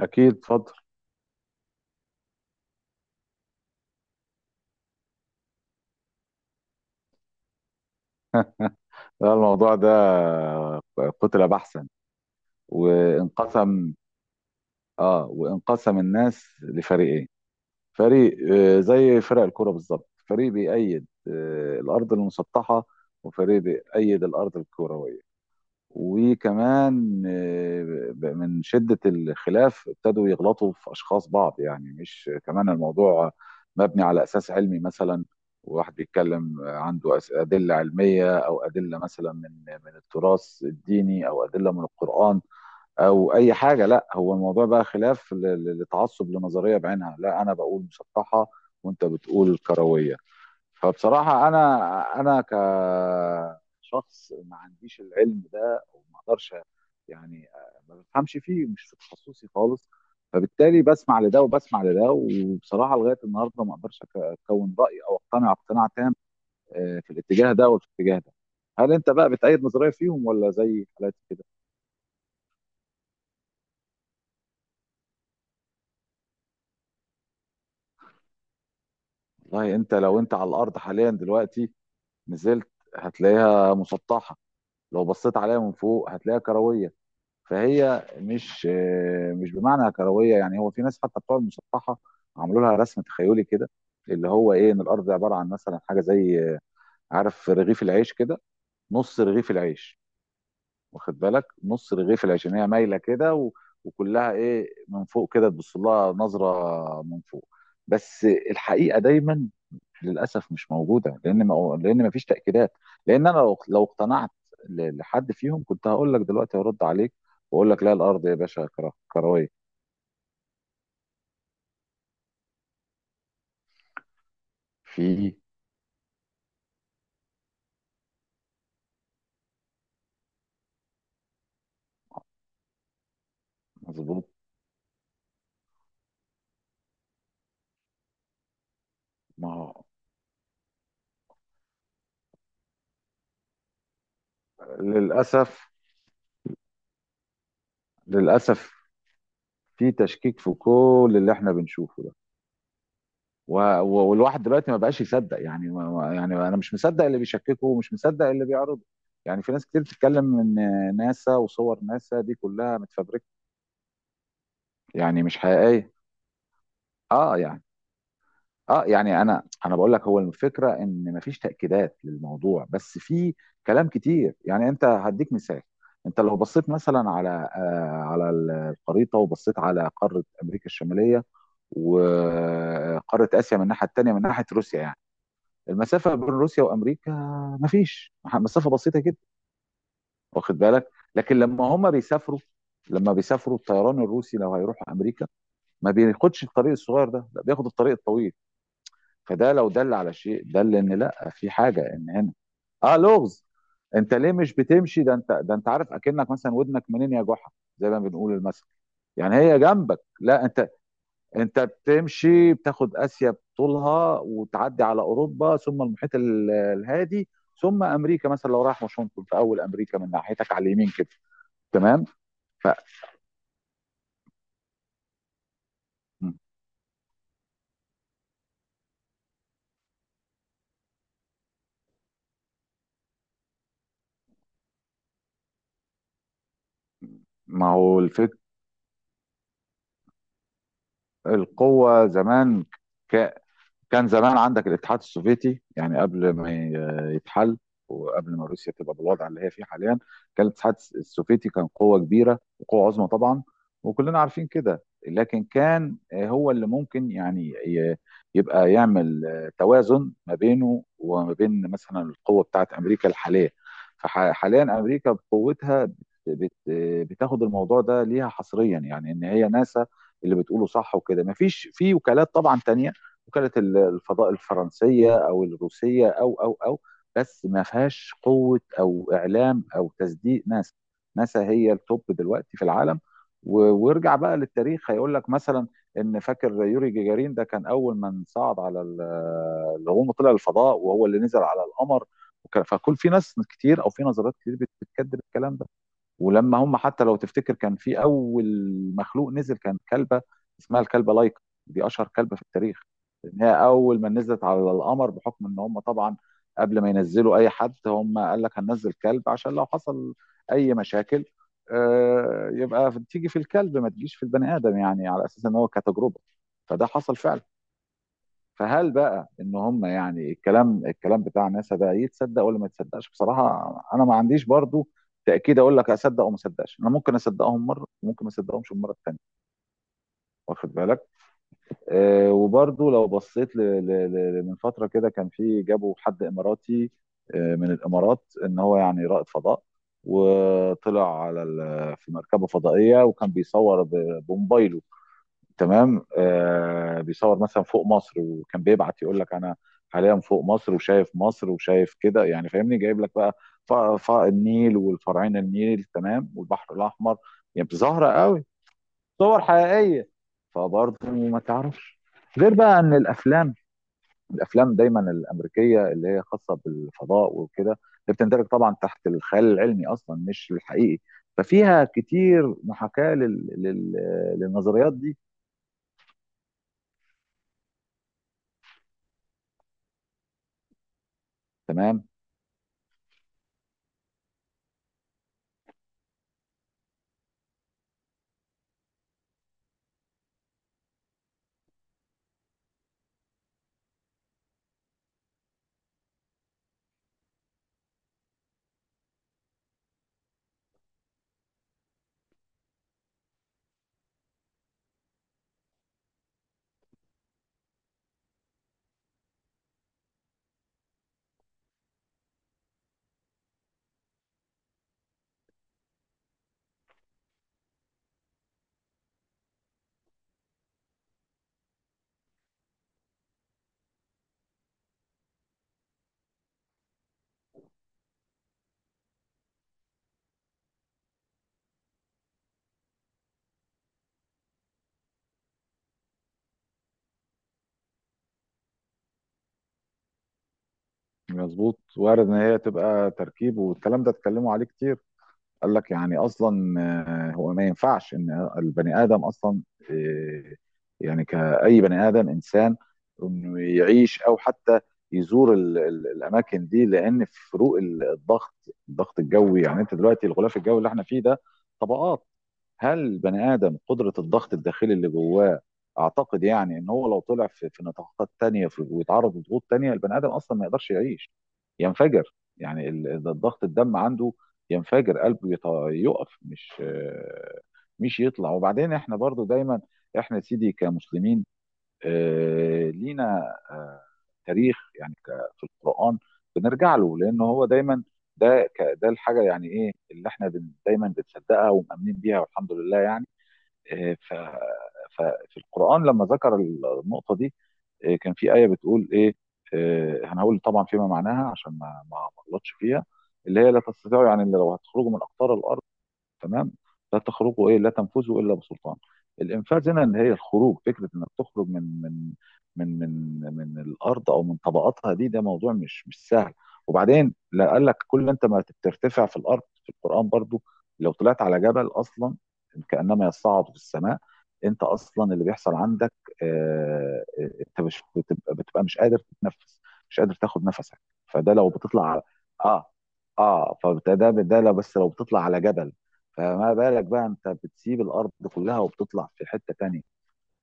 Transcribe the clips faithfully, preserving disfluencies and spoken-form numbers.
أكيد اتفضل. لا الموضوع ده قتل بحثا وانقسم. اه وانقسم الناس لفريقين، فريق آه زي فرق الكرة بالظبط، فريق بيأيد آه الأرض المسطحة وفريق بيأيد الأرض الكروية. وكمان آه، ب- من شدة الخلاف ابتدوا يغلطوا في أشخاص بعض، يعني مش كمان الموضوع مبني على أساس علمي مثلا، وواحد بيتكلم عنده أس- أدلة علمية أو أدلة مثلا من من التراث الديني أو أدلة من القرآن أو أي حاجة. لا هو الموضوع بقى خلاف ل- ل- لتعصب لنظرية بعينها، لا أنا بقول مسطحة وأنت بتقول كروية. فبصراحة أنا أنا كشخص ما عنديش العلم ده أو ما أقدرش، يعني آه، ما بفهمش فيه، مش في تخصصي خالص. فبالتالي بسمع لده وبسمع لده، وبصراحة لغاية النهاردة ما أقدرش أك- أكون رأي أو أقتنع اقتناع تام، آه، في الاتجاه ده وفي الاتجاه ده. هل أنت بقى بتأيد نظرية فيهم ولا زي حالاتي كده؟ والله أنت لو أنت على الأرض حاليا دلوقتي نزلت هتلاقيها مسطحة، لو بصيت عليها من فوق هتلاقيها كروية. فهي مش آه، مش بمعنى كرويه، يعني هو في ناس حتى بتوع المسطحه عملوا لها رسم تخيلي كده، اللي هو ايه، ان الارض عباره عن مثلا حاجه زي آه، عارف رغيف العيش كده، نص رغيف العيش. واخد بالك نص رغيف العيش، ان هي مايله كده و... وكلها ايه من فوق كده، تبص لها نظره من فوق بس. الحقيقه دايما للاسف مش موجوده، لان ما لان ما فيش تاكيدات، لان انا لو لو اقتنعت ل- لحد فيهم كنت هقول لك دلوقتي هرد عليك واقول لك لا الارض يا باشا كرا- كرويه. في. مظبوط. ما هو للاسف. للاسف في تشكيك في كل اللي احنا بنشوفه ده، و- و- والواحد دلوقتي ما بقاش يصدق، يعني ما- ما- يعني انا مش مصدق اللي بيشككه ومش مصدق اللي بيعرضه. يعني في ناس كتير بتتكلم ان ناسا وصور ناسا دي كلها متفبركه، يعني مش حقيقيه. اه يعني. اه يعني انا انا بقول لك هو الفكره ان مفيش تاكيدات للموضوع، بس في كلام كتير. يعني انت هديك مثال، انت لو بصيت مثلا على آه على الخريطه، وبصيت على قاره امريكا الشماليه وقاره اسيا من الناحيه التانيه من ناحيه روسيا، يعني المسافه بين روسيا وامريكا مفيش مسافه، بسيطه جدا، واخد بالك. لكن لما هم بيسافروا، لما بيسافروا الطيران الروسي لو هيروحوا امريكا ما بياخدش الطريق الصغير ده، لا بياخد الطريق الطويل. فده لو دل على شيء دل ان لا في حاجه ان هنا. اه لغز. انت ليه مش بتمشي ده، انت ده انت عارف، اكنك مثلا ودنك منين يا جحا زي ما بنقول المثل، يعني هي جنبك لا انت. انت بتمشي بتاخد اسيا بطولها وتعدي على اوروبا ثم المحيط ال- الهادي ثم امريكا، مثلا لو رايح واشنطن في اول امريكا من ناحيتك على اليمين كده. تمام. ف. ما هو الفك... القوه زمان كان زمان عندك الاتحاد السوفيتي، يعني قبل ما ي- يتحل وقبل ما روسيا تبقى بالوضع اللي هي فيه حاليا، كان الاتحاد السوفيتي كان قوة كبيرة وقوة عظمى طبعا وكلنا عارفين كده. لكن كان هو اللي ممكن يعني ي- يبقى يعمل توازن ما بينه وما بين مثلا القوة بتاعت أمريكا الحالية. فحاليا أمريكا بقوتها بت- بت- بتاخد الموضوع ده ليها حصريا، يعني إن هي ناسا اللي بتقوله صح، وكده مفيش في وكالات طبعا تانية، وكالة الفضاء الفرنسية أو الروسية أو أو أو بس ما فيهاش قوة أو إعلام أو تصديق ناسا. ناسا هي التوب دلوقتي في العالم. و- وارجع بقى للتاريخ هيقول لك مثلا ان، فاكر يوري جيجارين ده كان اول من صعد على ال- اللي هو طلع الفضاء وهو اللي نزل على القمر. وك- فكل، في ناس كتير او في نظريات كتير بت- بتكذب الكلام ده. ولما هم حتى، لو تفتكر كان في اول مخلوق نزل كان كلبه، اسمها الكلبه لايكا، دي اشهر كلبه في التاريخ. لان هي اول ما نزلت على القمر، بحكم ان هم طبعا قبل ما ينزلوا اي حد هم قال لك هننزل كلب، عشان لو حصل اي مشاكل، آه، يبقى تيجي في الكلب ما تجيش في البني ادم، يعني على اساس ان هو كتجربه، فده حصل فعلا. فهل بقى ان هم، يعني الكلام، الكلام بتاع ناسا ده يتصدق ولا ما يتصدقش؟ بصراحه انا ما عنديش برضو تاكيد اقول لك اصدق او ما اصدقش، انا ممكن اصدقهم مره وممكن ما اصدقهمش المره الثانيه، واخد بالك. أه وبرضو لو بصيت ل... ل... ل... من فتره كده كان في، جابوا حد اماراتي، آه، من الامارات، ان هو يعني رائد فضاء وطلع على ال... في مركبه فضائيه وكان بيصور ب... بموبايله. تمام، آه بيصور مثلا فوق مصر، وكان بيبعت يقول لك انا حاليا فوق مصر وشايف مصر وشايف كده، يعني فاهمني، جايب لك بقى ف- ف- النيل والفرعين النيل تمام والبحر الاحمر. يعني ظاهره قوي، صور حقيقيه. فبرضه ما تعرفش غير بقى ان الافلام، الافلام دايما الامريكيه اللي هي خاصه بالفضاء وكده، اللي بتندرج طبعا تحت الخيال العلمي اصلا مش الحقيقي، ففيها كتير محاكاه لل... لل... للنظريات دي. تمام. مظبوط، وارد ان هي تبقى تركيب، والكلام ده اتكلموا عليه كتير. قال لك يعني اصلا آه، هو ما ينفعش ان البني ادم اصلا، آه، يعني كاي بني ادم، انسان، انه يعيش او حتى يزور ال- ال- الاماكن دي، لان فروق ال- الضغط، الضغط الجوي، يعني انت دلوقتي الغلاف الجوي اللي احنا فيه ده طبقات. هل البني ادم قدره الضغط الداخلي اللي جواه، اعتقد يعني ان هو لو طلع في في نطاقات تانية في- ويتعرض لضغوط تانية البني ادم اصلا ما يقدرش يعيش، ينفجر، يعني ال- الضغط الدم عنده، ينفجر قلبه، يط- يقف، مش آه، مش يطلع. وبعدين احنا برضو دايما، احنا يا سيدي كمسلمين، آه، لينا آه، تاريخ يعني، ك- في القرآن بنرجع له، لأن هو دايما ده ك- ده الحاجة يعني إيه اللي إحنا بن- دايما بنصدقها ومؤمنين بيها، والحمد لله يعني. آه، ف ففي القرآن لما ذكر النقطة دي، آه، كان في آية بتقول إيه، آه، أنا هقول طبعا فيما معناها عشان ما ما ما أغلطش فيها، اللي هي لا تستطيعوا، يعني إلا لو هتخرجوا من أقطار الأرض، تمام، لا تخرجوا ايه، لا تنفذوا الا بسلطان. الانفاذ هنا ان هي الخروج، فكره انك تخرج من من من من من الارض او من طبقاتها دي، ده موضوع مش مش سهل. وبعدين لا قال لك كل انت ما بترتفع في الارض، في القران برضو لو طلعت على جبل اصلا كانما يصعد في السماء. انت اصلا اللي بيحصل عندك آه، آه، انت مش بتبقى, بتبقى مش قادر تتنفس، مش قادر تاخد نفسك. فده لو بتطلع على، اه اه فده ده ده لو بس لو بتطلع على جبل، فما بالك بقى انت بتسيب الارض كلها وبتطلع في حته تانية؟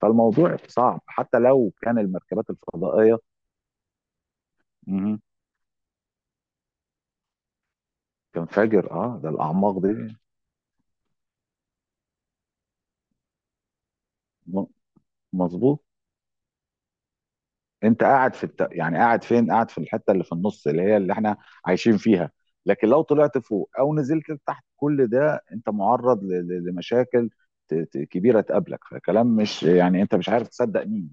فالموضوع صعب حتى لو كان المركبات الفضائيه مهم. كان فاجر اه ده الاعماق دي. م- مظبوط. انت قاعد في الت... يعني قاعد فين، قاعد في الحته اللي في النص اللي هي اللي احنا عايشين فيها. لكن لو طلعت فوق او نزلت تحت، كل ده انت معرض ل... ل- لمشاكل ت... ت... كبيره تقابلك. فكلام، مش يعني، انت مش عارف تصدق مين.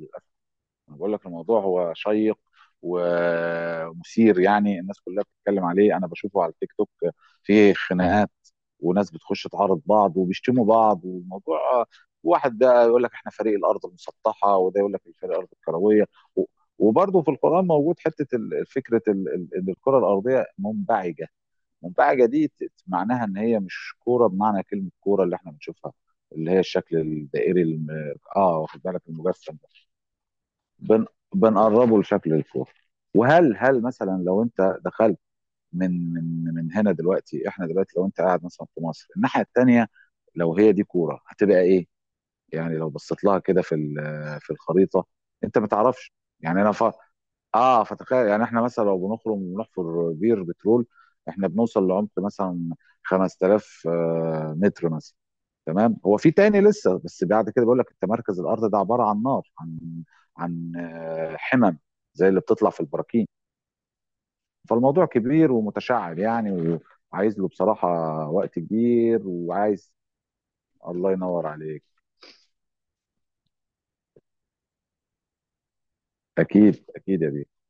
انا بقول لك الموضوع هو شيق ومثير، يعني الناس كلها بتتكلم عليه، انا بشوفه على التيك توك، فيه خناقات، وناس بتخش تعارض بعض وبيشتموا بعض، والموضوع واحد ده يقول لك احنا فريق الارض المسطحه، وده يقول لك الفريق الارض الكرويه. و- وبرضه في القران موجود حته ال- فكره ال- ال- ان الكره الارضيه منبعجه، منبعجه دي ت- ت- معناها ان هي مش كوره بمعنى كلمه كوره اللي احنا بنشوفها، اللي هي الشكل الدائري الم... اه واخد بالك المجسم، بن بنقربه لشكل الفور. وهل هل مثلا لو انت دخلت من من من هنا، دلوقتي احنا دلوقتي لو انت قاعد مثلا في مصر الناحيه التانيه، لو هي دي كوره هتبقى ايه؟ يعني لو بصيت لها كده في ال- في الخريطه انت ما تعرفش. يعني انا ف... اه فتخيل، يعني احنا مثلا لو بنخرج ونحفر بير بترول احنا بنوصل لعمق مثلا خمس آلاف آه، متر مثلا، تمام. هو في تاني لسه، بس بعد كده بيقول لك انت مركز الارض ده عباره عن نار، عن عن آه، حمم زي اللي بتطلع في البراكين. فالموضوع كبير ومتشعب يعني، وعايز له بصراحه وقت كبير وعايز. الله ينور عليك. اكيد اكيد يا بيه.